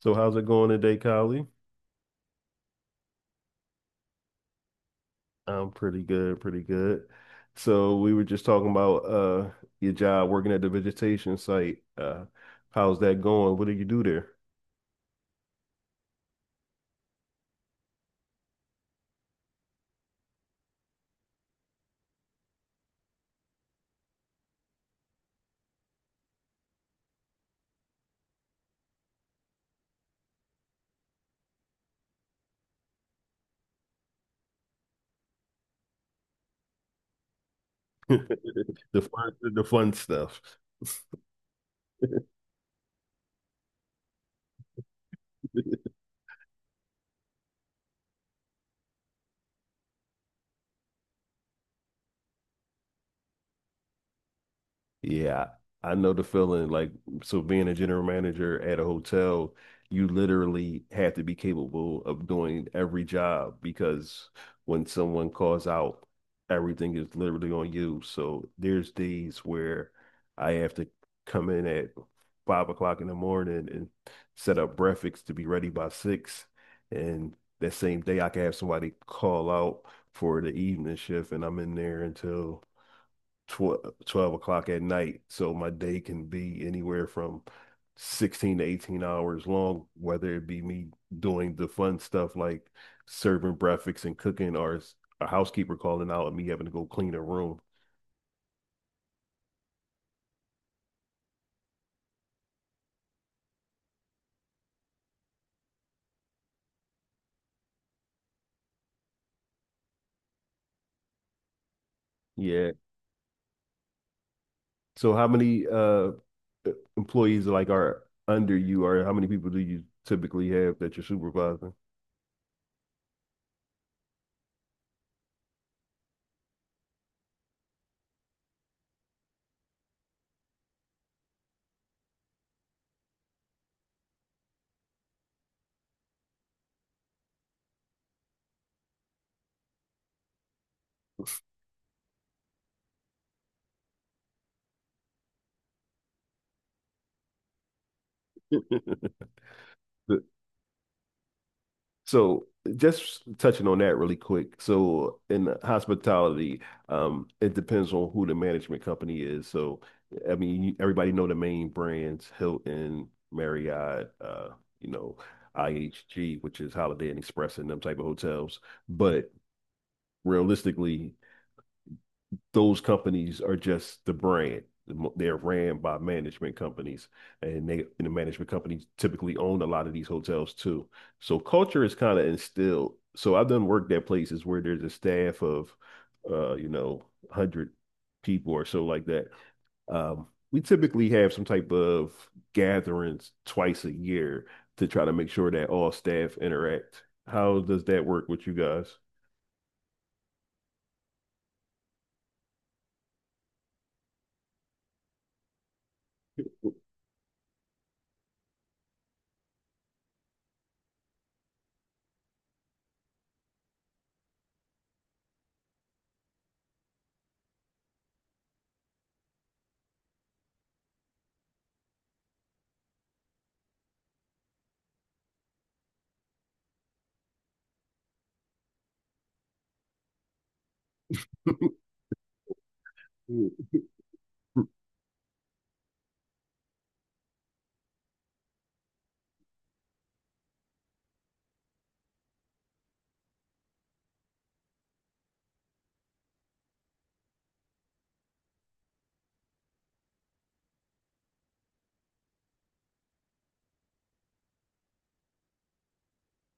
So how's it going today, Kylie? I'm pretty good, pretty good. So we were just talking about your job working at the vegetation site. How's that going? What do you do there? The fun stuff. Yeah, I know the feeling. Like, so being a general manager at a hotel, you literally have to be capable of doing every job because when someone calls out, everything is literally on you. So there's days where I have to come in at 5 o'clock in the morning and set up breakfast to be ready by 6. And that same day, I can have somebody call out for the evening shift, and I'm in there until tw 12 o'clock at night. So my day can be anywhere from 16 to 18 hours long, whether it be me doing the fun stuff like serving breakfast and cooking or a housekeeper calling out and me having to go clean a room. Yeah. So how many e- employees like are under you, or how many people do you typically have that you're supervising? The, So just touching on that really quick. So in hospitality, it depends on who the management company is. So I mean, you- everybody know the main brands, Hilton, Marriott, you know, IHG, which is Holiday Inn Express and them type of hotels. But realistically, those companies are just the brand. They're ran by management companies, and the management companies typically own a lot of these hotels too. So culture is kind of instilled. So I've done work at places where there's a staff of, you know, 100 people or so like that. We typically have some type of gatherings 2 times a year to try to make sure that all staff interact. How does that work with you guys?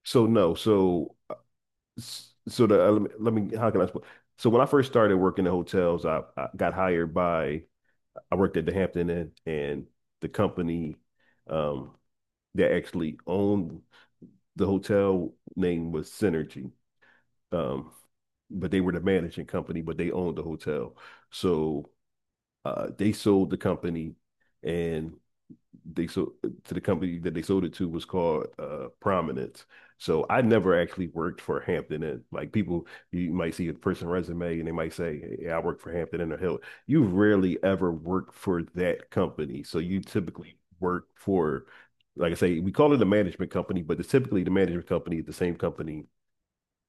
So no, so so the let me, let me, how can I explain? So when I first started working in hotels, I got hired by, I worked at the Hampton Inn, and the company um, that actually owned the hotel name was Synergy, um, but they were the managing company, but they owned the hotel. So they sold the company, and they sold the company that they sold it to was called Prominence. So I never actually worked for Hampton Inn. Like people, you might see a person resume and they might say, "Yeah, I worked for Hampton Inn or Hill." You rarely ever work for that company. So you typically work for, like I say, we call it a management company, but it's typically the management company is the same company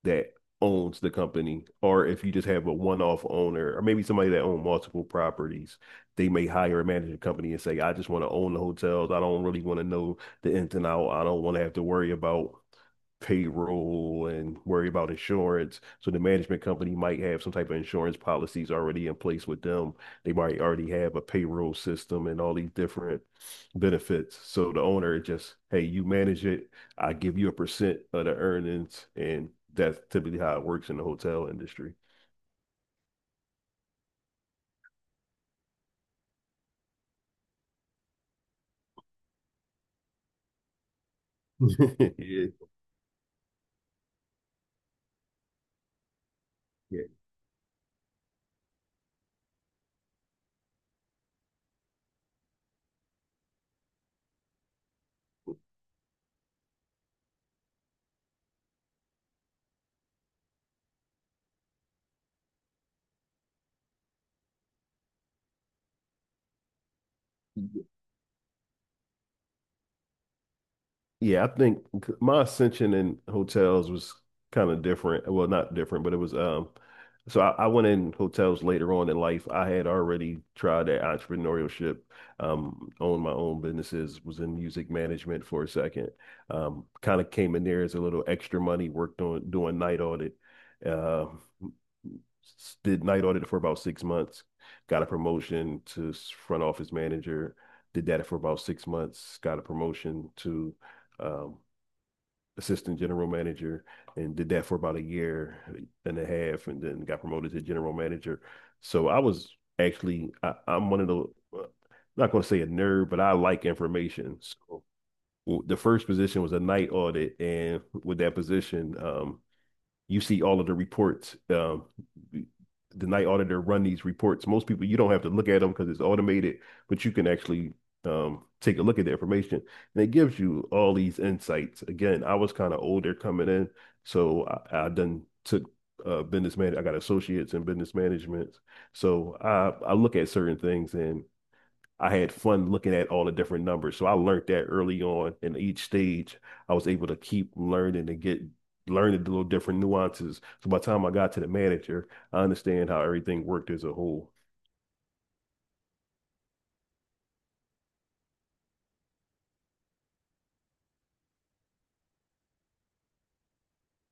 that owns the company, or if you just have a one-off owner, or maybe somebody that owns multiple properties, they may hire a management company and say, "I just want to own the hotels. I don't really want to know the ins and out. I don't want to have to worry about payroll and worry about insurance." So the management company might have some type of insurance policies already in place with them. They might already have a payroll system and all these different benefits. So the owner just, hey, you manage it. I give you a percent of the earnings, and that's typically how it works in the hotel industry. Yeah, yeah. Yeah, I think my ascension in hotels was kind of different. Well, not different, but it was so I went in hotels later on in life. I had already tried that entrepreneurship, owned my own businesses, was in music management for a second. Kind of came in there as a little extra money, worked on doing night audit. Uh, did night audit for about 6 months, got a promotion to front office manager, did that for about 6 months, got a promotion to um, assistant general manager, and did that for about a year and a half, and then got promoted to general manager. So I was actually, I'm one of the, uh, not going to say a nerd, but I like information. So the first position was a night audit. And with that position, you see all of the reports. The night auditor run these reports. Most people, you don't have to look at them because it's automated, but you can actually take a look at the information, and it gives you all these insights. Again, I was kind of older coming in, so I done took business man. I got associates in business management, so I look at certain things, and I had fun looking at all the different numbers. So I learned that early on in each stage. I was able to keep learning and get learning the little different nuances. So by the time I got to the manager, I understand how everything worked as a whole.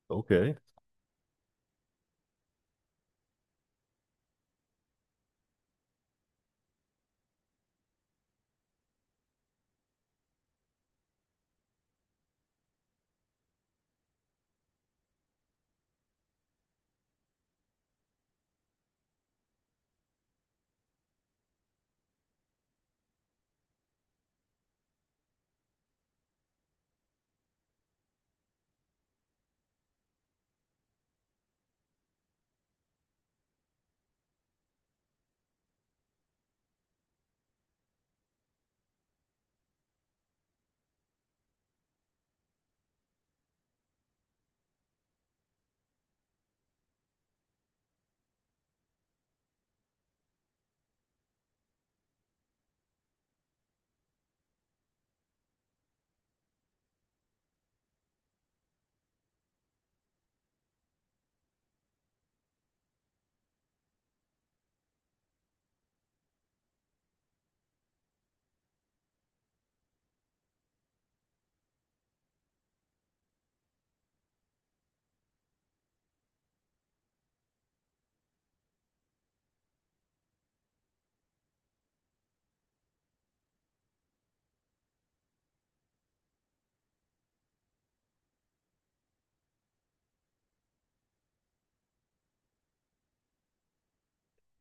Okay.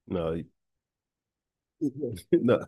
No, no,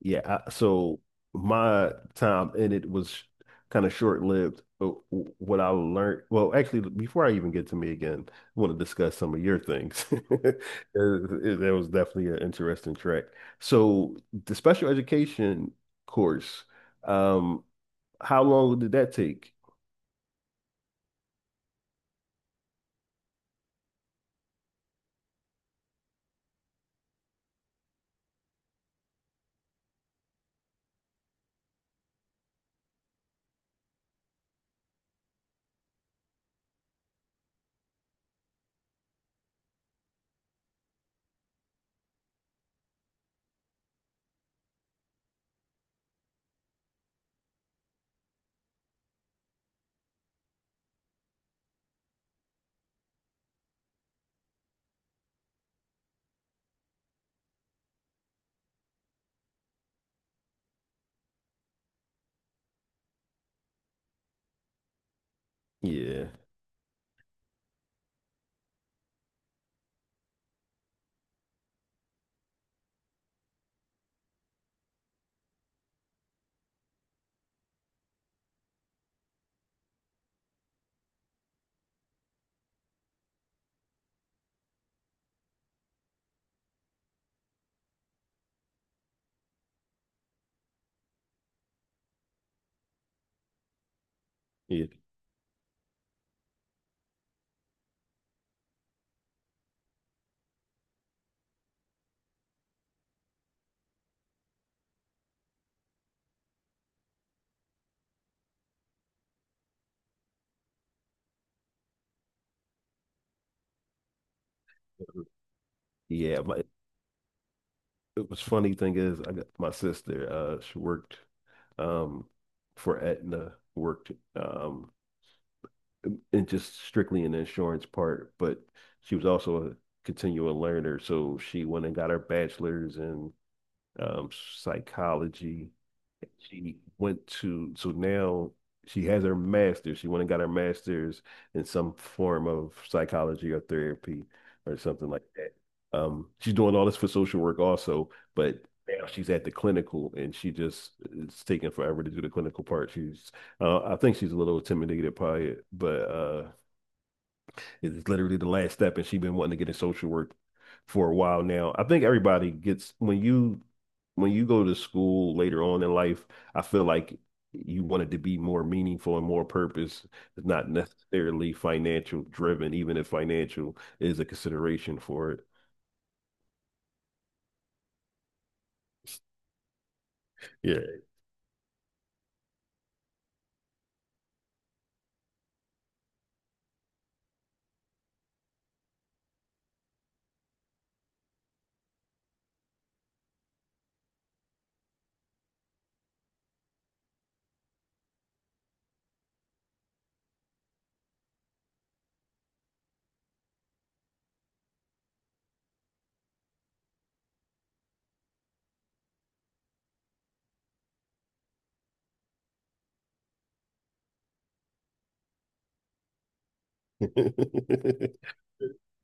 Yeah, so my time in it was kind of short-lived. What I learned, well, actually, before I even get to me again, I want to discuss some of your things. It- That was definitely an interesting track. So the special education course, um, how long did that take? Yeah, yeah. Yeah, it was funny thing is I got my sister, she worked um for Aetna, worked in just strictly in the insurance part, but she was also a continual learner. So she went and got her bachelor's in um, psychology. She went to, so now she has her master's. She went and got her master's in some form of psychology or therapy or something like that. She's doing all this for social work also, but now she's at the clinical and she just, it's taking forever to do the clinical part. She's, I think she's a little intimidated by it, but it's literally the last step, and she's been wanting to get in social work for a while now. I think everybody gets when you go to school later on in life, I feel like you want it to be more meaningful and more purpose. It's not necessarily financial driven, even if financial is a consideration for it. Yeah.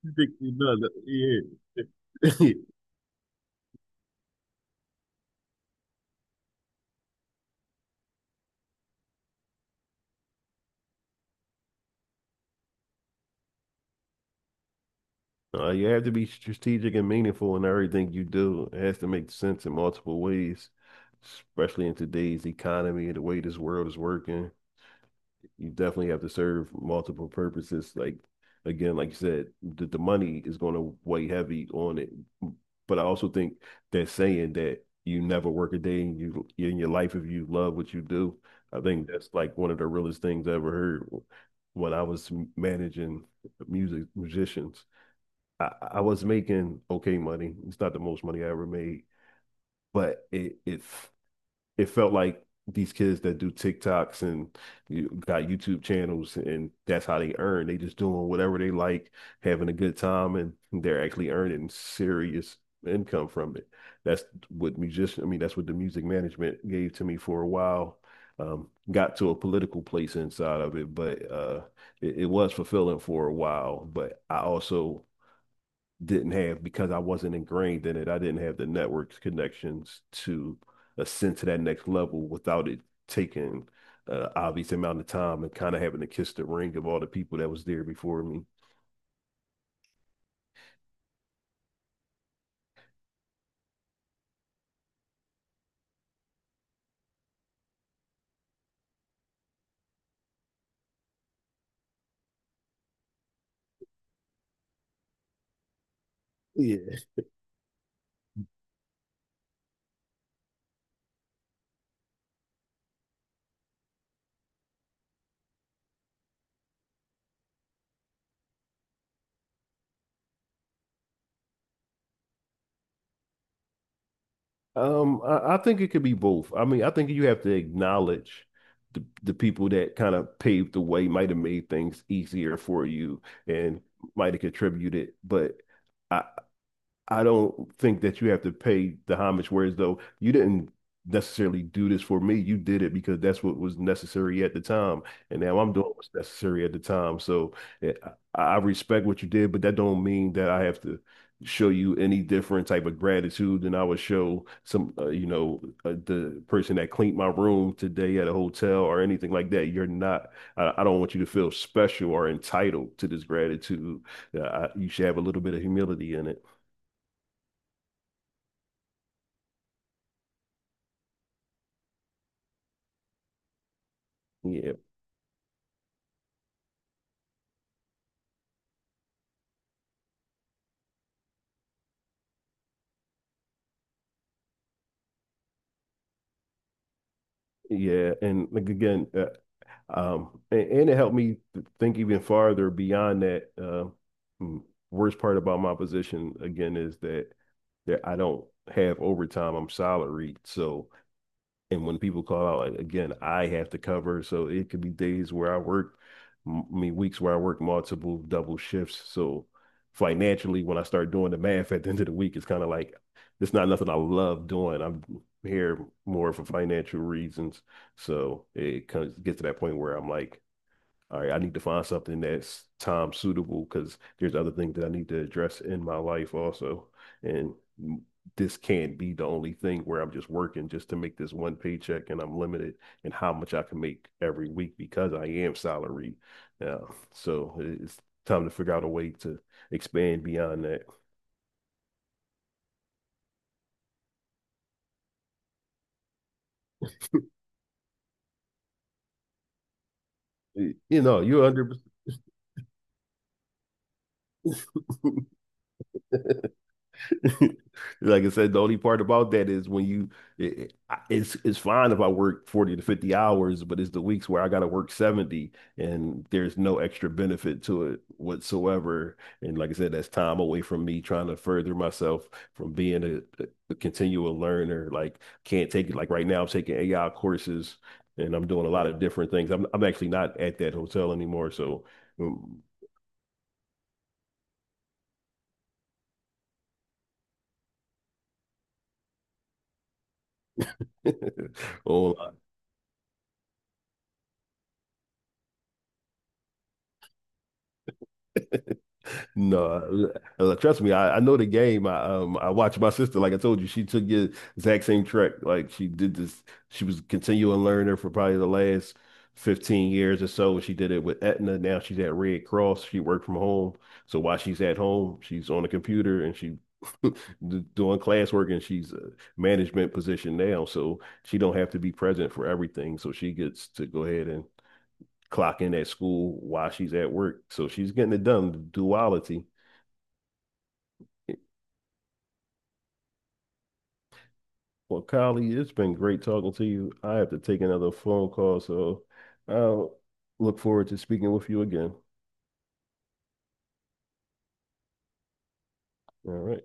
You think you know that- Yeah. You have to be strategic and meaningful in everything you do. It has to make sense in multiple ways, especially in today's economy and the way this world is working. You definitely have to serve multiple purposes. Like, again, like you said, the money is going to weigh heavy on it. But I also think that saying that you never work a day in your life if you love what you do, I think that's like one of the realest things I ever heard when I was managing musicians. I was making okay money. It's not the most money I ever made, but it felt like these kids that do TikToks and you got YouTube channels, and that's how they earn. They just doing whatever they like, having a good time, and they're actually earning serious income from it. That's I mean, that's what the music management gave to me for a while. Got to a political place inside of it, but it was fulfilling for a while. But I also didn't have because I wasn't ingrained in it. I didn't have the networks connections to ascend to that next level without it taking obvious amount of time and kind of having to kiss the ring of all the people that was there before me. Yeah. I think it could be both. I mean, I think you have to acknowledge the people that kind of paved the way, might have made things easier for you and might have contributed, but I, I don't think that you have to pay the homage, whereas though you didn't necessarily do this for me. You did it because that's what was necessary at the time. And now I'm doing what's necessary at the time. So eh, I respect what you did, but that don't mean that I have to show you any different type of gratitude than I would show some, you know, the person that cleaned my room today at a hotel or anything like that. You're not, I don't want you to feel special or entitled to this gratitude. You should have a little bit of humility in it. Yeah. Yeah, and like again, and it helped me think even farther beyond that. Mm, Worst part about my position again is that I don't have overtime. I'm salaried, so and when people call out, like, again, I have to cover. So it could be days where I work, I mean, weeks where I work multiple double shifts. So financially, when I start doing the math at the end of the week, it's kind of like it's not nothing I love doing. I'm here more for financial reasons. So it comes gets to that point where I'm like, all right, I need to find something that's time suitable because there's other things that I need to address in my life also. And this can't be the only thing where I'm just working just to make this one paycheck and I'm limited in how much I can make every week because I am salary now. So it's time to figure out a way to expand beyond that. You know, you're under Like I said, the only part about that is when it, it's fine if I work 40 to 50 hours, but it's the weeks where I got to work 70 and there's no extra benefit to it whatsoever. And like I said, that's time away from me trying to further myself from being a, a continual learner. Like can't take it. Like right now, I'm taking AI courses and I'm doing a lot of different things. I'm actually not at that hotel anymore, so. um, online No, trust me, I know the game. I watched my sister, like I told you, she took the exact same track. Like she did this, she was continuing learner for probably the last 15 years or so. She did it with Aetna. Now she's at Red Cross. She worked from home. So while she's at home, she's on the computer and she doing classwork, and she's a management position now. So she don't have to be present for everything. So she gets to go ahead and clock in at school while she's at work. So she's getting it done, duality. Well, Kylie, it's been great talking to you. I have to take another phone call, so I'll look forward to speaking with you again. All right.